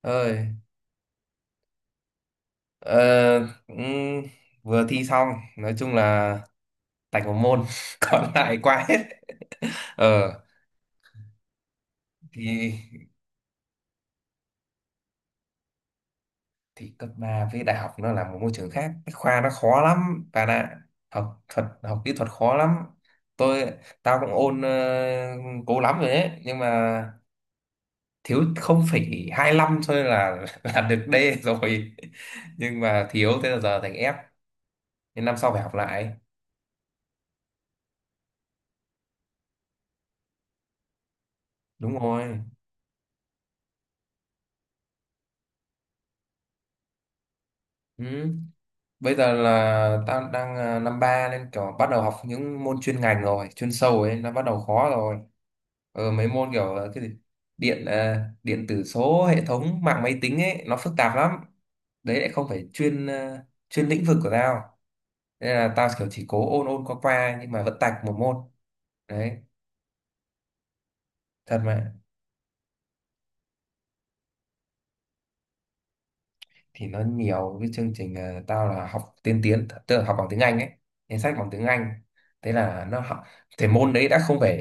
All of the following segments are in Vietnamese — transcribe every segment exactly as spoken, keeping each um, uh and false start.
Ơi. Ờ, cũng vừa thi xong, nói chung là tạch một môn còn lại qua hết. Ờ thì thì cấp ba với đại học nó là một môi trường khác, cái khoa nó khó lắm bạn ạ. Học thuật, học kỹ thuật khó lắm. Tôi tao cũng ôn ờ, cố lắm rồi đấy, nhưng mà thiếu không phẩy hai lăm thôi là là được D rồi. Nhưng mà thiếu, thế là giờ thành F, nên năm sau phải học lại. Đúng rồi. Ừ. Bây giờ là tao đang à, năm ba nên kiểu bắt đầu học những môn chuyên ngành rồi, chuyên sâu ấy, nó bắt đầu khó rồi. Ờ, mấy môn kiểu à, cái gì điện à, điện tử số, hệ thống mạng máy tính ấy nó phức tạp lắm. Đấy lại không phải chuyên à, chuyên lĩnh vực của tao. Nên là tao kiểu chỉ cố ôn ôn qua qua, nhưng mà vẫn tạch một môn. Đấy, thật mà. Thì nó nhiều cái chương trình, ờ, tao là học tiên tiến tức là học bằng tiếng Anh ấy, nên sách bằng tiếng Anh. Thế là nó học, thì môn đấy đã không phải,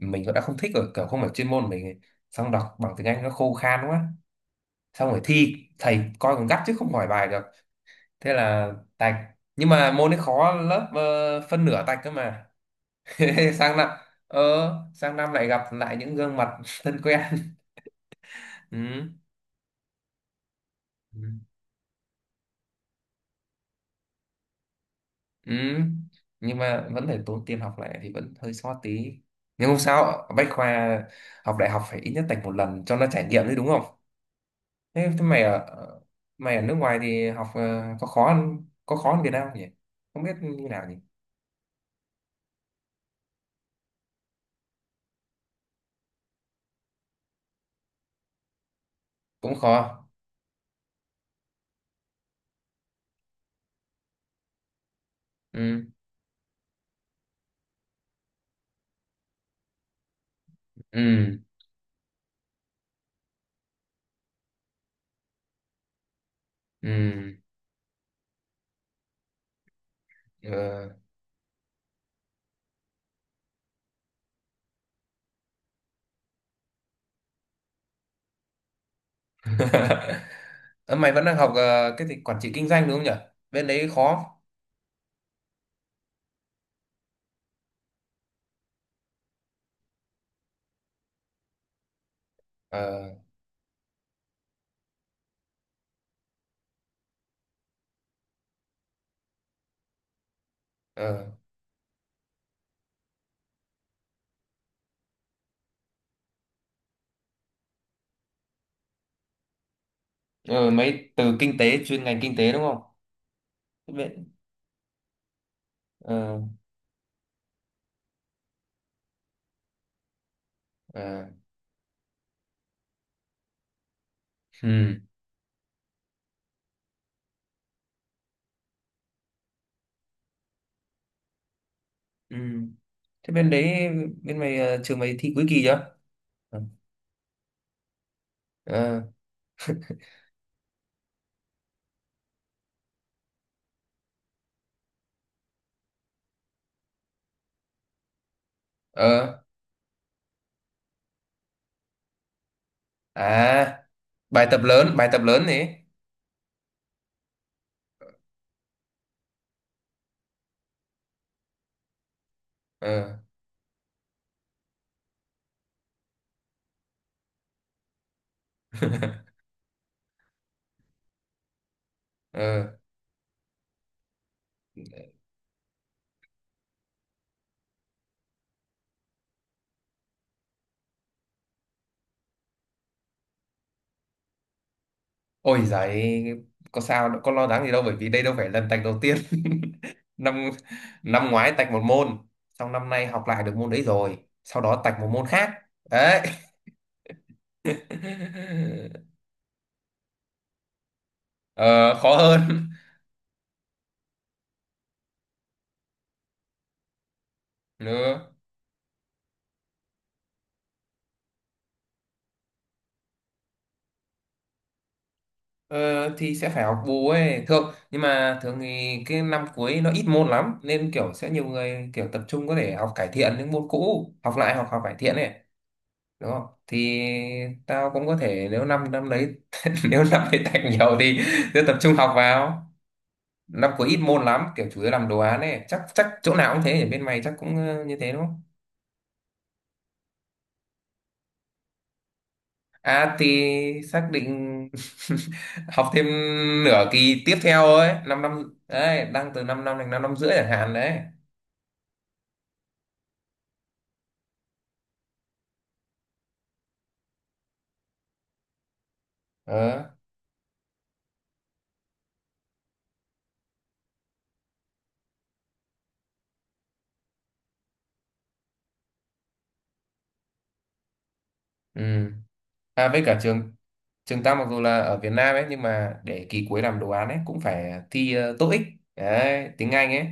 mình cũng đã không thích rồi, kiểu không phải chuyên môn mình ấy. Xong đọc bằng tiếng Anh nó khô khan quá. Xong rồi thi thầy coi còn gắt chứ không hỏi bài được. Thế là tạch. Nhưng mà môn ấy khó, lớp ờ, phân nửa tạch cơ mà. sang năm ờ sang năm lại gặp lại những gương mặt thân quen. Ừ. Ừ, nhưng mà vẫn phải tốn tiền học lại thì vẫn hơi xót tí. Nhưng không sao, Bách Khoa học đại học phải ít nhất tạch một lần cho nó trải nghiệm đấy, đúng không? Thế, thế mày ở mày ở nước ngoài thì học ờ, có khó hơn- có khó hơn Việt Nam không nhỉ? Không biết như nào nhỉ? Cũng khó. Ừ, ừ, ừ. Ờ. Ờ, mày vẫn đang học ờ, cái gì quản trị kinh doanh đúng không nhỉ? Bên đấy khó. Ờ, ờ. Ờ, mấy từ kinh tế chuyên ngành kinh tế đúng không? Bên, ờ, ờ. Ừ. Ừ. Thế bên đấy, bên mày ờ, trường mày thi cuối kỳ chưa? Ừ. Ờ, ờ, à. Bài tập lớn, bài tập lớn này. Ờ. Ờ. Ôi giời, có sao đâu, có lo lắng gì đâu, bởi vì đây đâu phải lần tạch đầu tiên. năm năm ngoái tạch một môn, xong năm nay học lại được môn đấy rồi, sau đó tạch một môn khác. Đấy. Ờ khó hơn. Ừ. Ờ, thì sẽ phải học bù ấy thường, nhưng mà thường thì cái năm cuối nó ít môn lắm nên kiểu sẽ nhiều người kiểu tập trung có thể học cải thiện những môn cũ, học lại, học học cải thiện ấy, đúng không, thì tao cũng có thể, nếu năm năm đấy nếu năm đấy tạch nhiều thì sẽ tập trung học vào. Năm cuối ít môn lắm, kiểu chủ yếu làm đồ án ấy, chắc chắc chỗ nào cũng thế, ở bên mày chắc cũng ờ, như thế đúng không. À thì xác định học thêm nửa kỳ tiếp theo ấy, 5 năm, năm đấy đang từ 5 năm đến 5 năm rưỡi chẳng hạn đấy. Ờ. Ừ. À với cả trường trường ta mặc dù là ở Việt Nam ấy, nhưng mà để kỳ cuối làm đồ án ấy cũng phải thi uh, TOEIC, đấy tiếng Anh ấy,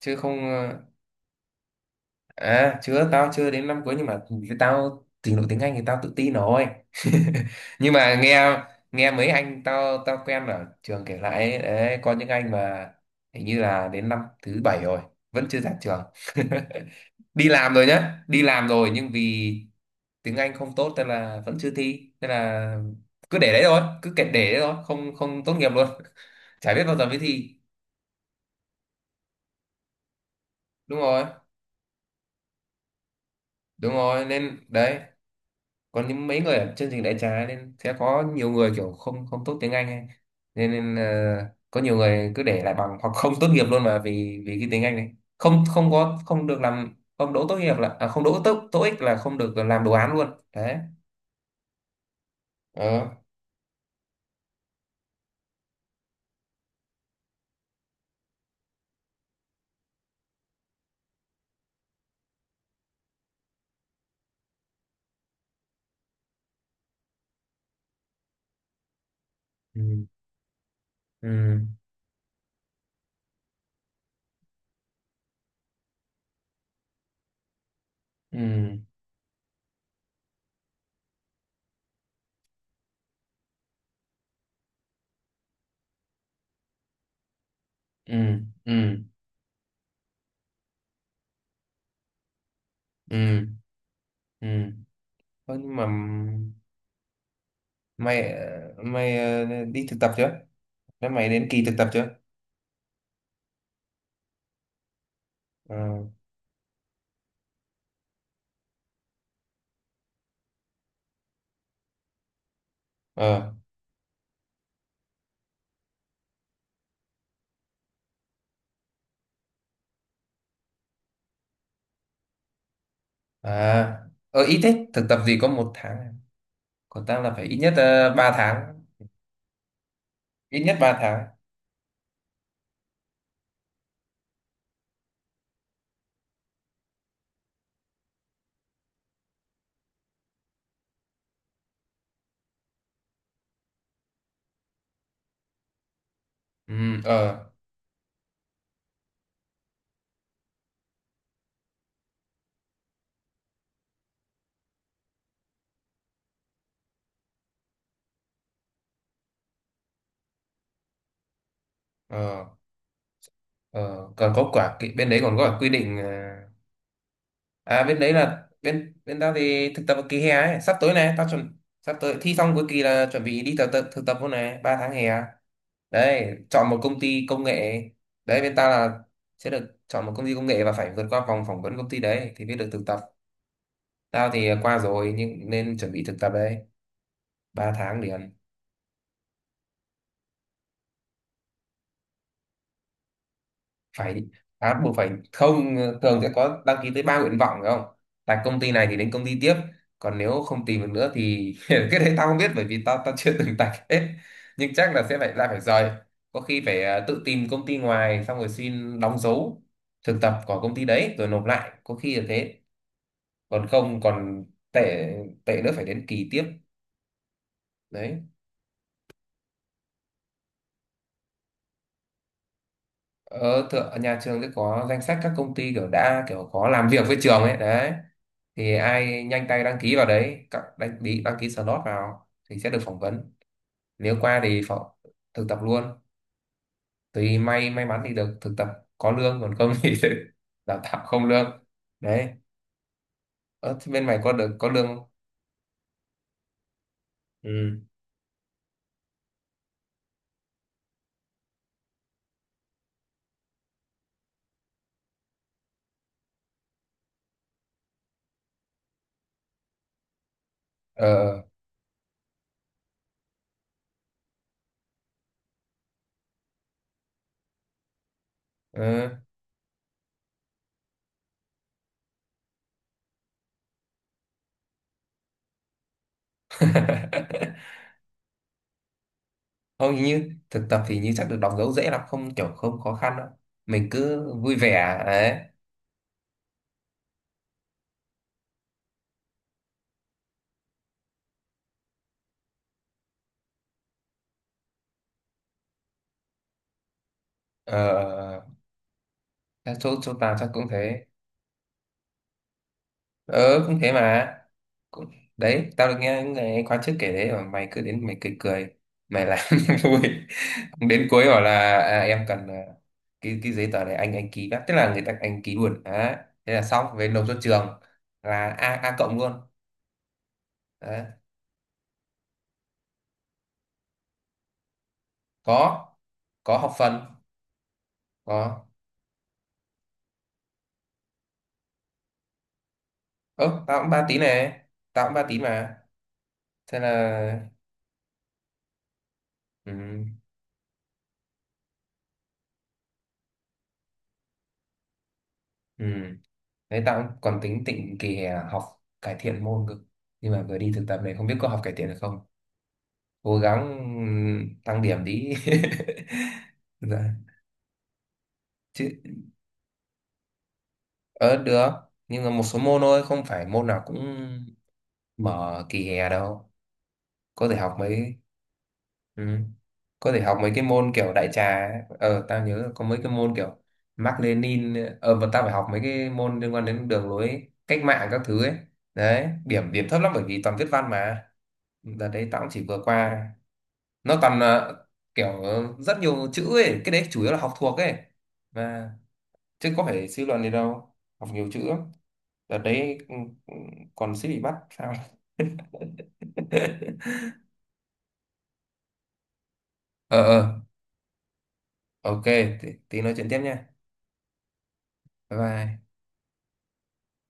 chứ không ờ, à chưa, tao chưa đến năm cuối, nhưng mà tao trình độ tiếng Anh thì tao tự tin rồi. Nhưng mà nghe nghe mấy anh tao tao quen ở trường kể lại ấy, đấy, có những anh mà hình như là đến năm thứ bảy rồi vẫn chưa ra trường. Đi làm rồi nhá, đi làm rồi, nhưng vì tiếng Anh không tốt nên là vẫn chưa thi, nên là cứ để đấy thôi, cứ kệ để đấy thôi, không không tốt nghiệp luôn. Chả biết bao giờ mới thi. Đúng rồi, đúng rồi, nên đấy còn những mấy người ở chương trình đại trà nên sẽ có nhiều người kiểu không không tốt tiếng Anh ấy. nên, nên ờ, có nhiều người cứ để lại bằng hoặc không tốt nghiệp luôn mà vì vì cái tiếng Anh này không không có, không được làm, không đỗ tốt nghiệp là à, không đỗ tốt tốt ích, là không được làm đồ án luôn đấy. Ờ. Ừ. Ừ. Ừ. Ừ. Ừ. Ừ. Ơ, nhưng mà mày ờ, mày ờ, đi thực tập chưa? Thế mày đến kỳ thực tập chưa? Ờ, ờ, à, ờ, ít thế thực tập gì có một tháng à? Còn tao là phải ít nhất uh, ba tháng, ít nhất ba tháng. Ừ. Ờ, ờ, ờ, còn có quả kỳ- bên đấy còn có cả quy định ờ, à bên đấy là bên bên tao thì thực tập ở kỳ hè ấy, sắp tới này tao chuẩn, sắp tới thi xong cuối kỳ là chuẩn bị đi thực tập thực tập luôn này, ba tháng hè à? Đấy chọn một công ty công nghệ, đấy bên ta là sẽ được chọn một công ty công nghệ và phải vượt qua vòng phỏng vấn công ty đấy thì mới được thực tập. Tao thì qua rồi nhưng nên chuẩn bị thực tập đấy, ba tháng liền. Phải à, buộc phải không, thường sẽ có đăng ký tới ba nguyện vọng phải không, tại công ty này thì đến công ty tiếp, còn nếu không tìm được nữa thì cái đấy tao không biết, bởi vì tao tao chưa từng tạch hết. Nhưng chắc là sẽ phải lại phải rời, có khi phải ờ, tự tìm công ty ngoài xong rồi xin đóng dấu thực tập của công ty đấy rồi nộp lại, có khi là thế. Còn không, còn tệ tệ nữa phải đến kỳ tiếp đấy. Ở thượng nhà trường sẽ có danh sách các công ty kiểu đã kiểu có làm việc với trường ấy đấy. Thì ai nhanh tay đăng ký vào đấy, các đăng ký đăng ký slot vào thì sẽ được phỏng vấn. Nếu qua thì phỏng, thực tập luôn, tùy may may mắn thì được thực tập, có lương, còn không thì sẽ đào tạo không lương đấy. Ở bên mày có được có lương không? Ừ. Ờ, ờ. Không, như thực tập thì như chắc được đóng dấu dễ lắm, không kiểu không khó khăn đâu. Mình cứ vui vẻ đấy. Ờ chắc chỗ chỗ tao chắc cũng thế. Ờ cũng thế mà, cũng. Đấy tao được nghe những người khóa trước kể đấy, mà mày cứ đến, mày cười cười, mày làm vui, đến cuối bảo là à, em cần à, cái cái giấy tờ này, anh anh ký đã, tức là người ta anh ký luôn đấy. Thế là xong, về nộp cho trường là a a cộng luôn. Đấy. Có có học phần. Có. Ơ tao cũng ba tín này. Tao cũng ba tín mà. Thế là, ừ, ừ. Đấy tao cũng còn tính tịnh kỳ hè học cải thiện môn cơ, nhưng mà vừa đi thực tập này không biết có học cải thiện được không, cố gắng. Ừ, tăng điểm tí. Dạ. Chứ ờ được, nhưng mà một số môn thôi, không phải môn nào cũng mở kỳ hè đâu, có thể học mấy. Ừ. Có thể học mấy cái môn kiểu đại trà ấy. ờ tao nhớ là có mấy cái môn kiểu Mác Lênin, ờ và tao phải học mấy cái môn liên quan đến đường lối cách mạng các thứ ấy, đấy, điểm điểm thấp lắm bởi vì toàn viết văn mà. Đợt đấy tao cũng chỉ vừa qua. Nó toàn là kiểu rất nhiều chữ ấy, cái đấy chủ yếu là học thuộc ấy mà, chứ có phải suy luận gì đâu. Học nhiều chữ lắm. Đợt đấy, ừ, ừ, còn suýt bị bắt sao. Ờ, ờ, ok, tí tí nói chuyện tiếp nha. Bye bye.